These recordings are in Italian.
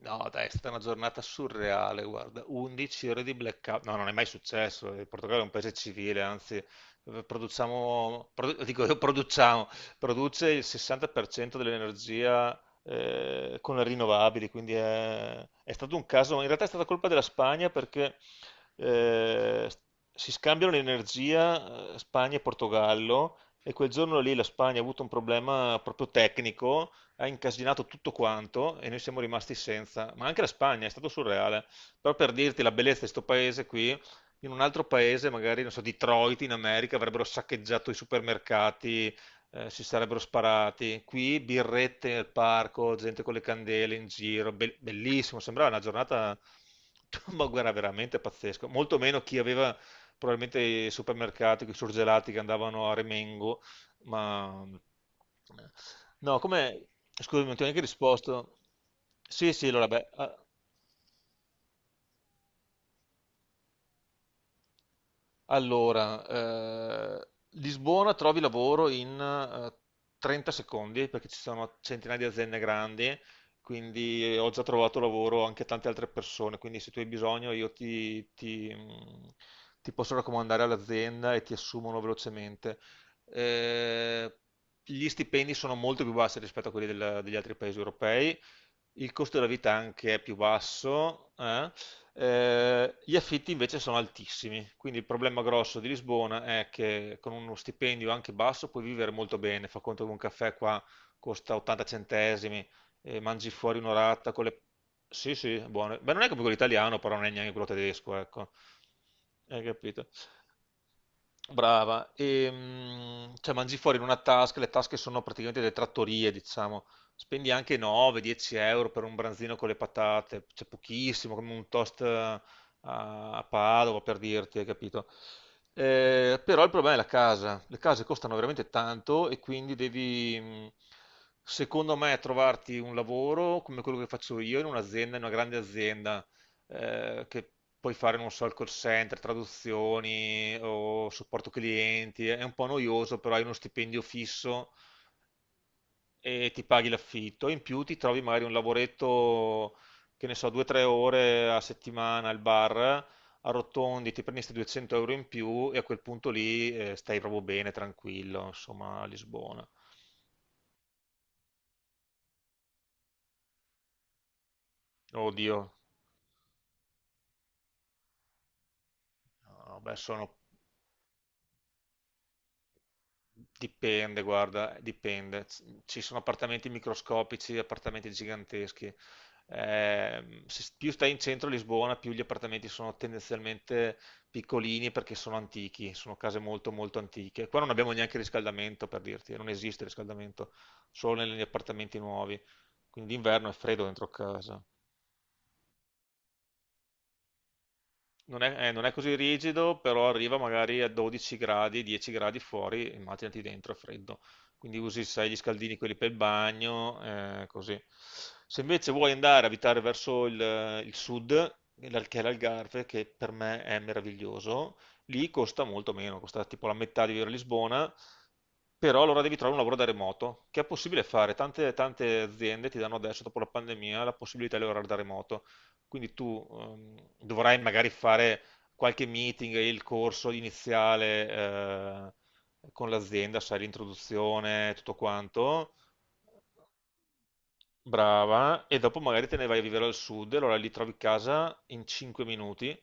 No, dai, è stata una giornata surreale, guarda, 11 ore di blackout, no, non è mai successo. Il Portogallo è un paese civile, anzi, produciamo, dico io produciamo, produce il 60% dell'energia con le rinnovabili, quindi è stato un caso, in realtà è stata colpa della Spagna perché eh, si scambiano l'energia, Spagna e Portogallo, e quel giorno lì la Spagna ha avuto un problema proprio tecnico, ha incasinato tutto quanto e noi siamo rimasti senza. Ma anche la Spagna è stato surreale. Però per dirti la bellezza di sto paese qui, in un altro paese, magari, non so, Detroit in America, avrebbero saccheggiato i supermercati, si sarebbero sparati. Qui birrette nel parco, gente con le candele in giro, bellissimo, sembrava una giornata, ma guarda, veramente pazzesco. Molto meno chi aveva probabilmente i supermercati, i surgelati che andavano a Remengo, ma eh, no, come, scusami, non ti ho neanche risposto. Sì, sì, allora, Allora, eh, Lisbona trovi lavoro in 30 secondi perché ci sono centinaia di aziende grandi, quindi ho già trovato lavoro anche a tante altre persone, quindi se tu hai bisogno io ti posso raccomandare all'azienda e ti assumono velocemente. Eh, Gli stipendi sono molto più bassi rispetto a quelli degli altri paesi europei, il costo della vita anche è più basso, eh? Gli affitti invece sono altissimi, quindi il problema grosso di Lisbona è che con uno stipendio anche basso puoi vivere molto bene. Fa conto che un caffè qua costa 80 centesimi, e mangi fuori un'orata con le... Sì, sì, buono. Beh, non è come quello italiano, però non è neanche quello tedesco, ecco. Hai capito? Brava, e, cioè mangi fuori in una tasca, le tasche sono praticamente delle trattorie, diciamo. Spendi anche 9-10 euro per un branzino con le patate, c'è pochissimo, come un toast a, a Padova per dirti, hai capito? Però il problema è la casa, le case costano veramente tanto e quindi secondo me, trovarti un lavoro come quello che faccio io in un'azienda, in una grande azienda, che puoi fare, non so, il call center, traduzioni o supporto clienti. È un po' noioso, però hai uno stipendio fisso e ti paghi l'affitto, in più ti trovi magari un lavoretto, che ne so, 2-3 ore a settimana al bar, arrotondi, ti prendi questi 200 euro in più e a quel punto lì stai proprio bene, tranquillo, insomma, a Lisbona. Oddio, no, beh, sono, dipende, guarda, dipende. Ci sono appartamenti microscopici, appartamenti giganteschi. Se più stai in centro a Lisbona, più gli appartamenti sono tendenzialmente piccolini perché sono antichi, sono case molto molto antiche. Qua non abbiamo neanche riscaldamento, per dirti, non esiste riscaldamento, solo negli appartamenti nuovi. Quindi d'inverno è freddo dentro casa. Non è, non è così rigido, però arriva magari a 12 gradi, 10 gradi fuori, immaginati dentro, è freddo. Quindi usi, sai, gli scaldini, quelli per il bagno, così. Se invece vuoi andare a abitare verso il sud, che è l'Algarve, che per me è meraviglioso, lì costa molto meno, costa tipo la metà di vivere a Lisbona, però allora devi trovare un lavoro da remoto, che è possibile fare. Tante, tante aziende ti danno adesso, dopo la pandemia, la possibilità di lavorare da remoto. Quindi tu dovrai magari fare qualche meeting, il corso iniziale, con l'azienda, sai, l'introduzione, tutto quanto. Brava, e dopo magari te ne vai a vivere al sud, e allora lì trovi casa in 5 minuti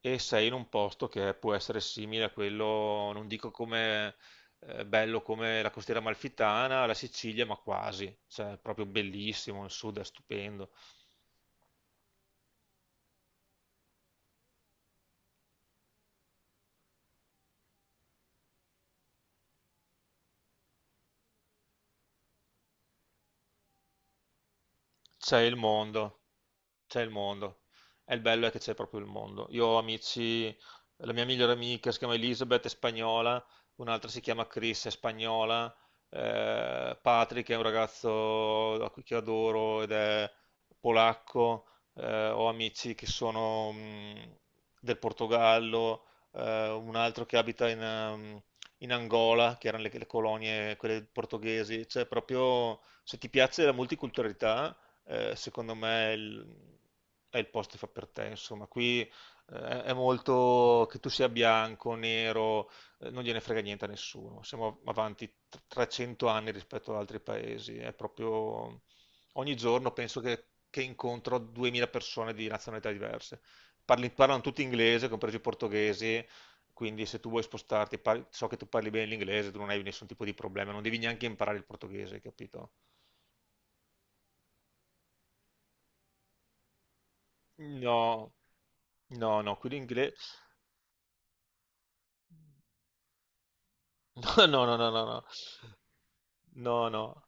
e sei in un posto che può essere simile a quello, non dico come bello come la costiera amalfitana, la Sicilia, ma quasi, cioè è proprio bellissimo, il sud è stupendo, c'è il mondo. C'è il mondo. E il bello è che c'è proprio il mondo. Io ho amici, la mia migliore amica si chiama Elizabeth, è spagnola, un'altra si chiama Chris, è spagnola, Patrick è un ragazzo a cui che adoro ed è polacco, ho amici che sono del Portogallo, un altro che abita in Angola, che erano le colonie, quelle portoghesi. Cioè proprio se ti piace la multiculturalità, secondo me è è il posto che fa per te. Insomma, qui è molto che tu sia bianco, nero, non gliene frega niente a nessuno. Siamo avanti 300 anni rispetto ad altri paesi. È proprio ogni giorno penso che incontro 2000 persone di nazionalità diverse. Parlano tutti inglese, compresi i portoghesi. Quindi se tu vuoi spostarti, so che tu parli bene l'inglese, tu non hai nessun tipo di problema, non devi neanche imparare il portoghese, capito? No, no, no, qui l'inglese... No, no, no, no, no, no. No, no,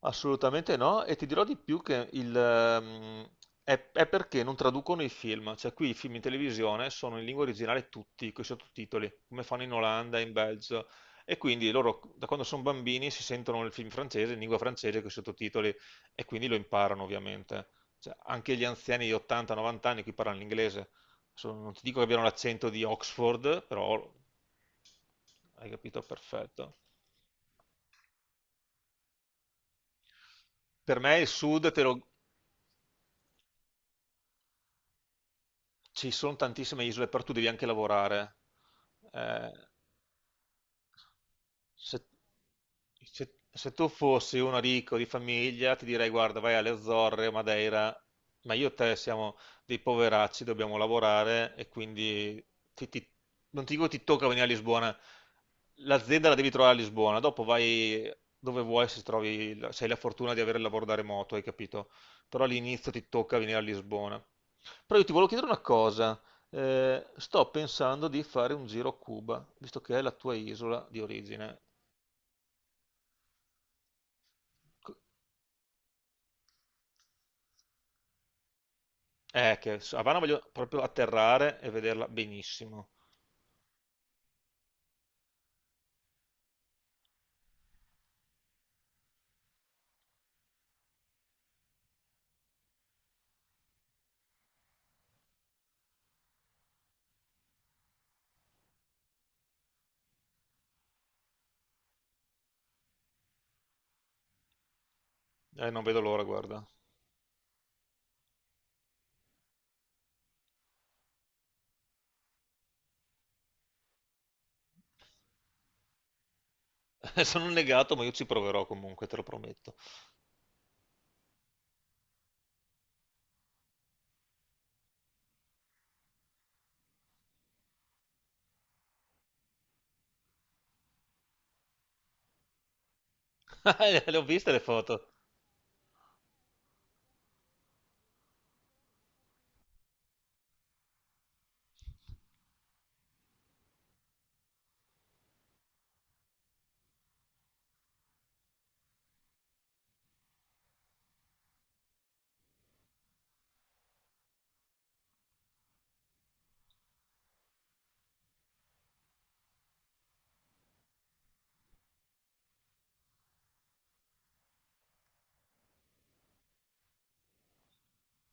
assolutamente no. E ti dirò di più che è perché non traducono i film. Cioè, qui i film in televisione sono in lingua originale tutti, con i sottotitoli, come fanno in Olanda, in Belgio. E quindi loro, da quando sono bambini, si sentono il film francese, in lingua francese, con i sottotitoli, e quindi lo imparano, ovviamente. Cioè, anche gli anziani di 80-90 anni qui parlano l'inglese. Adesso non ti dico che abbiano l'accento di Oxford, però hai capito perfetto. Per me il sud ci sono tantissime isole, però tu devi anche lavorare. Eh, Se, se tu fossi uno ricco di famiglia, ti direi: guarda, vai alle Azzorre, Madeira, ma io e te siamo dei poveracci, dobbiamo lavorare e quindi ti- ti- non ti dico ti tocca venire a Lisbona. L'azienda la devi trovare a Lisbona, dopo vai dove vuoi se trovi, se hai la fortuna di avere il lavoro da remoto, hai capito? Però all'inizio ti tocca venire a Lisbona. Però io ti volevo chiedere una cosa. Sto pensando di fare un giro a Cuba, visto che è la tua isola di origine. Che su Havana voglio proprio atterrare e vederla benissimo. Non vedo l'ora, guarda. Sono un negato, ma io ci proverò comunque, te lo prometto. Le ho viste le foto.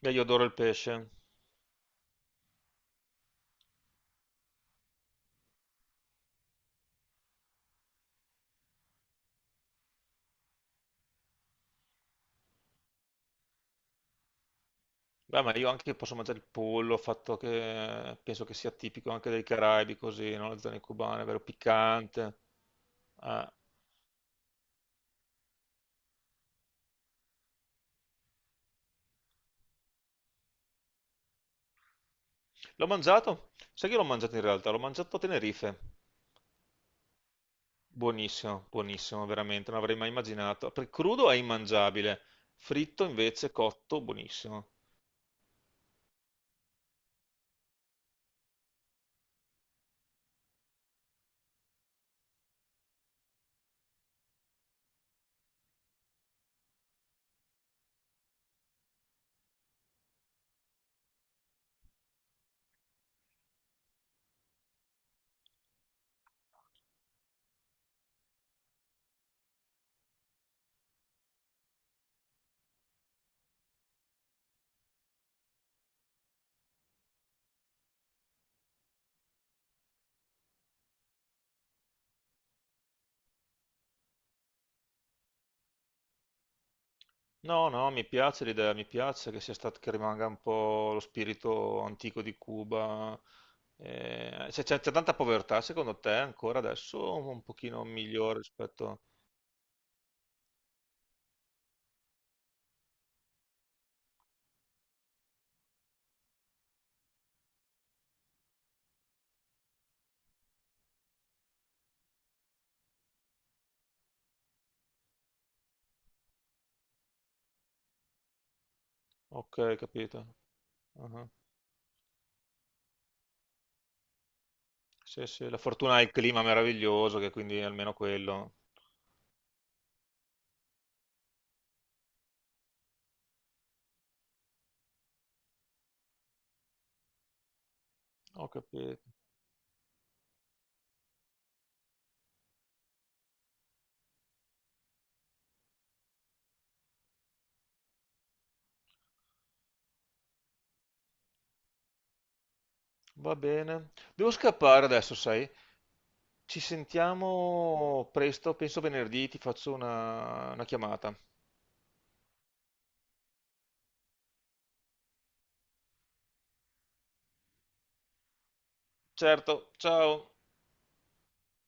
Beh, io adoro il pesce. Beh, ma io anche posso mangiare il pollo, fatto che penso che sia tipico anche dei Caraibi, così, no? Le zone cubane, vero? Piccante. Ah. L'ho mangiato? Sai che l'ho mangiato in realtà? L'ho mangiato a Tenerife. Buonissimo, buonissimo, veramente, non avrei mai immaginato. Per crudo è immangiabile, fritto invece cotto, buonissimo. No, no, mi piace l'idea, mi piace che sia stato, che rimanga un po' lo spirito antico di Cuba. C'è tanta povertà, secondo te, ancora adesso, o un pochino migliore rispetto... Ok, capito. Ah, sì, sì, la fortuna è il clima meraviglioso, che quindi è almeno quello. Ho capito. Va bene. Devo scappare adesso, sai? Ci sentiamo presto, penso venerdì ti faccio una chiamata. Certo, ciao.